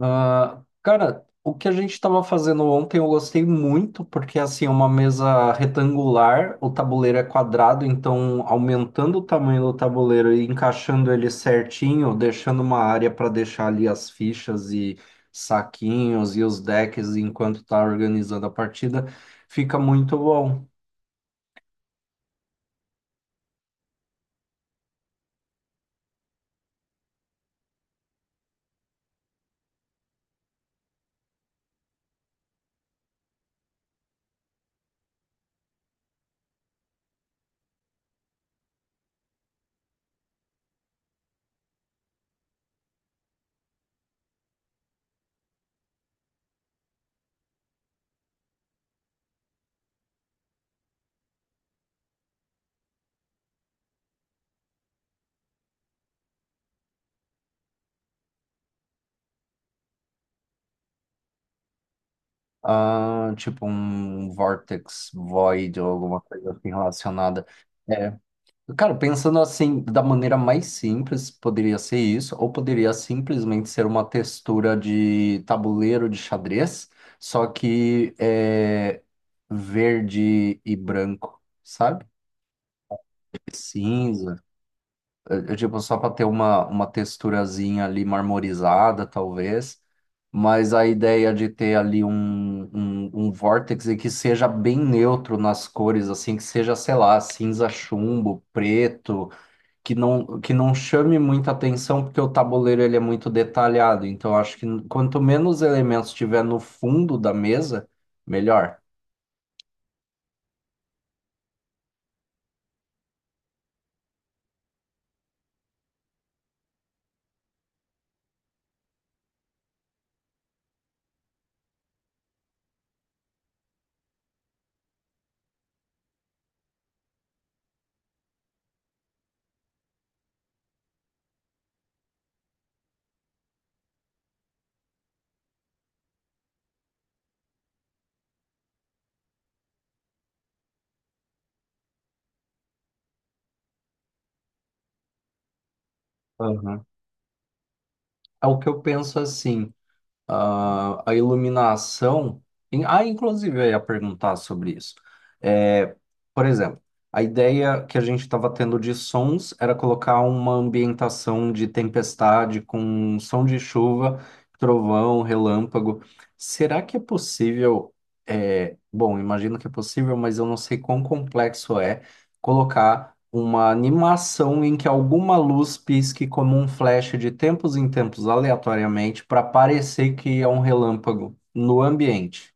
Ah, cara, o que a gente estava fazendo ontem eu gostei muito, porque assim, é uma mesa retangular, o tabuleiro é quadrado, então aumentando o tamanho do tabuleiro e encaixando ele certinho, deixando uma área para deixar ali as fichas e saquinhos e os decks enquanto tá organizando a partida, fica muito bom. Ah, tipo um Vortex Void ou alguma coisa assim relacionada. É. Cara, pensando assim, da maneira mais simples, poderia ser isso, ou poderia simplesmente ser uma textura de tabuleiro de xadrez, só que é verde e branco, sabe? Cinza, é tipo, só para ter uma texturazinha ali marmorizada, talvez, mas a ideia de ter ali um vórtice que seja bem neutro nas cores, assim, que seja, sei lá, cinza chumbo, preto que não chame muita atenção, porque o tabuleiro ele é muito detalhado. Então, acho que quanto menos elementos tiver no fundo da mesa, melhor. Aham. É o que eu penso assim. A a iluminação. Ah, inclusive, eu ia perguntar sobre isso. É, por exemplo, a ideia que a gente estava tendo de sons era colocar uma ambientação de tempestade com som de chuva, trovão, relâmpago. Será que é possível? Bom, imagino que é possível, mas eu não sei quão complexo é colocar uma animação em que alguma luz pisque como um flash de tempos em tempos aleatoriamente para parecer que é um relâmpago no ambiente.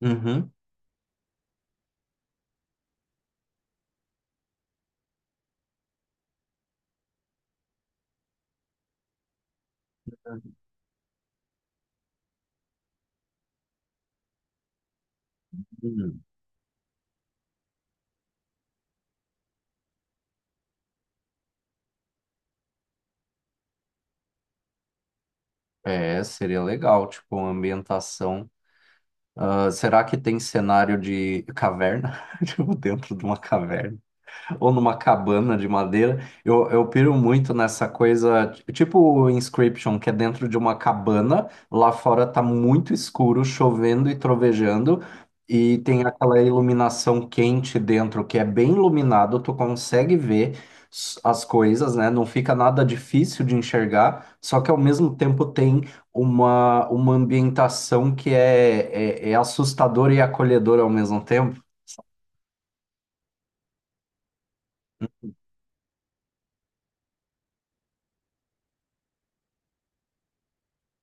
Uhum. Hum. É, seria legal, tipo, uma ambientação. Ah, será que tem cenário de caverna? Tipo, dentro de uma caverna? Ou numa cabana de madeira. Eu piro muito nessa coisa, tipo o Inscription, que é dentro de uma cabana, lá fora tá muito escuro, chovendo e trovejando, e tem aquela iluminação quente dentro, que é bem iluminado, tu consegue ver as coisas, né? Não fica nada difícil de enxergar, só que ao mesmo tempo tem uma ambientação que é, é assustadora e acolhedora ao mesmo tempo.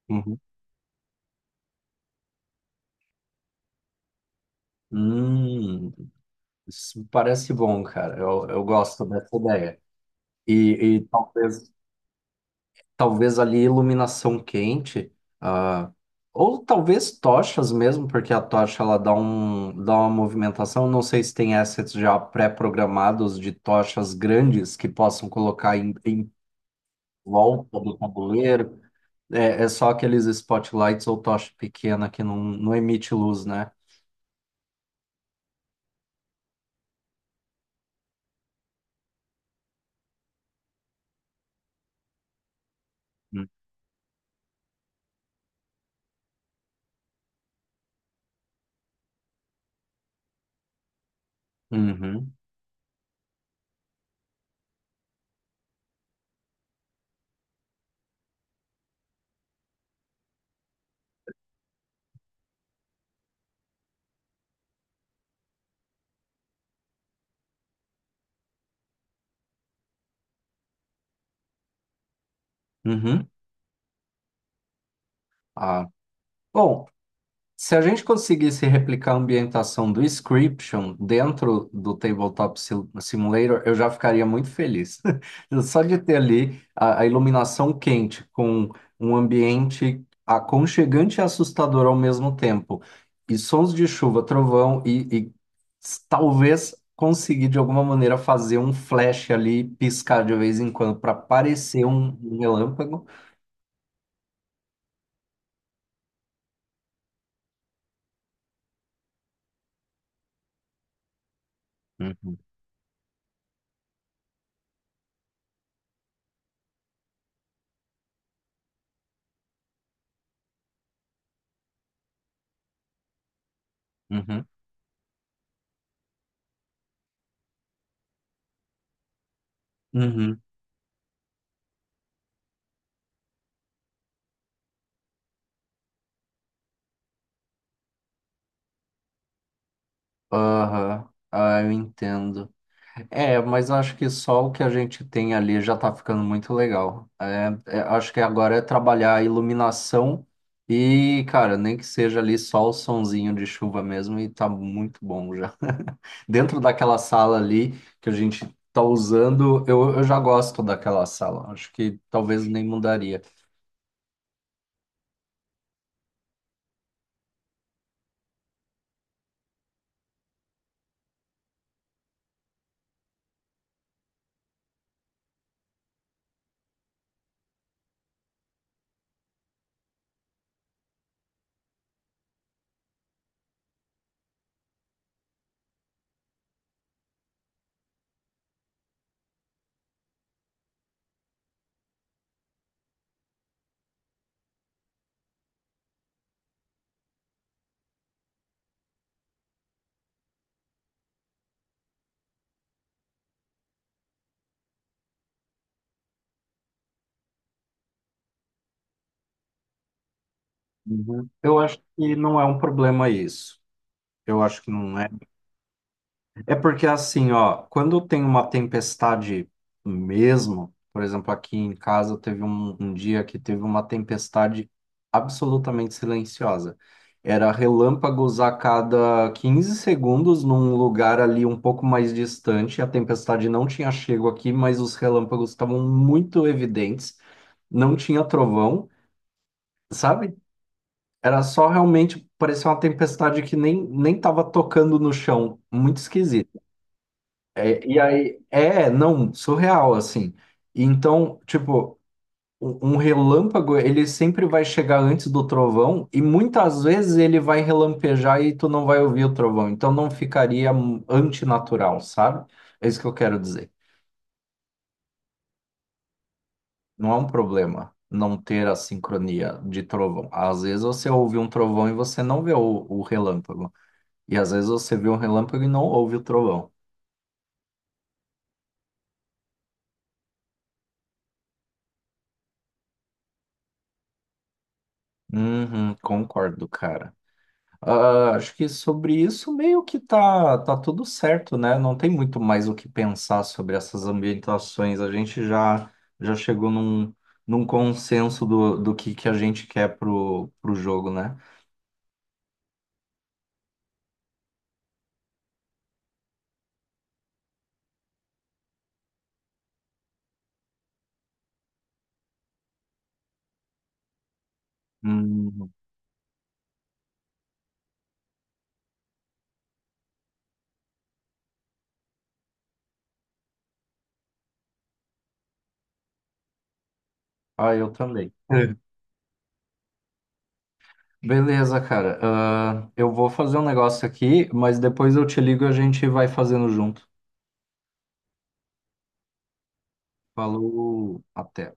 Uhum. Hum. Isso parece bom, cara. Eu gosto dessa ideia. E, e talvez, talvez ali iluminação quente, ah, ou talvez tochas mesmo, porque a tocha dá uma movimentação. Não sei se tem assets já pré-programados de tochas grandes que possam colocar em volta do tabuleiro. É, é só aqueles spotlights ou tocha pequena que não, não emite luz, né? Uhum, uhum. Ah, bom, se a gente conseguisse replicar a ambientação do Scription dentro do Tabletop Simulator, eu já ficaria muito feliz. Só de ter ali a iluminação quente com um ambiente aconchegante e assustador ao mesmo tempo, e sons de chuva, trovão, e talvez conseguir de alguma maneira fazer um flash ali, piscar de vez em quando para parecer um relâmpago. Uhum. Uhum. Aham, ah, eu entendo. É, mas acho que só o que a gente tem ali já tá ficando muito legal. Acho que agora é trabalhar a iluminação e, cara, nem que seja ali só o sonzinho de chuva mesmo e tá muito bom já. Dentro daquela sala ali que a gente tá usando, eu já gosto daquela sala. Acho que talvez nem mudaria. Uhum. Eu acho que não é um problema isso. Eu acho que não é. É porque assim, ó, quando tem uma tempestade mesmo, por exemplo, aqui em casa teve um dia que teve uma tempestade absolutamente silenciosa. Era relâmpagos a cada 15 segundos num lugar ali um pouco mais distante. A tempestade não tinha chego aqui, mas os relâmpagos estavam muito evidentes. Não tinha trovão, sabe? Era só, realmente parecia uma tempestade que nem estava tocando no chão. Muito esquisito. É, e aí, é, não, surreal, assim. Então, tipo, um relâmpago, ele sempre vai chegar antes do trovão, e muitas vezes ele vai relampejar e tu não vai ouvir o trovão. Então, não ficaria antinatural, sabe? É isso que eu quero dizer. Não é um problema não ter a sincronia de trovão. Às vezes você ouve um trovão e você não vê o relâmpago. E às vezes você vê um relâmpago e não ouve o trovão. Uhum, concordo, cara. Ah, acho que sobre isso meio que tá tudo certo, né? Não tem muito mais o que pensar sobre essas ambientações. Já chegou num consenso do que a gente quer pro jogo, né? Hum, ah, eu também. É. Beleza, cara. Ah, eu vou fazer um negócio aqui, mas depois eu te ligo e a gente vai fazendo junto. Falou, até.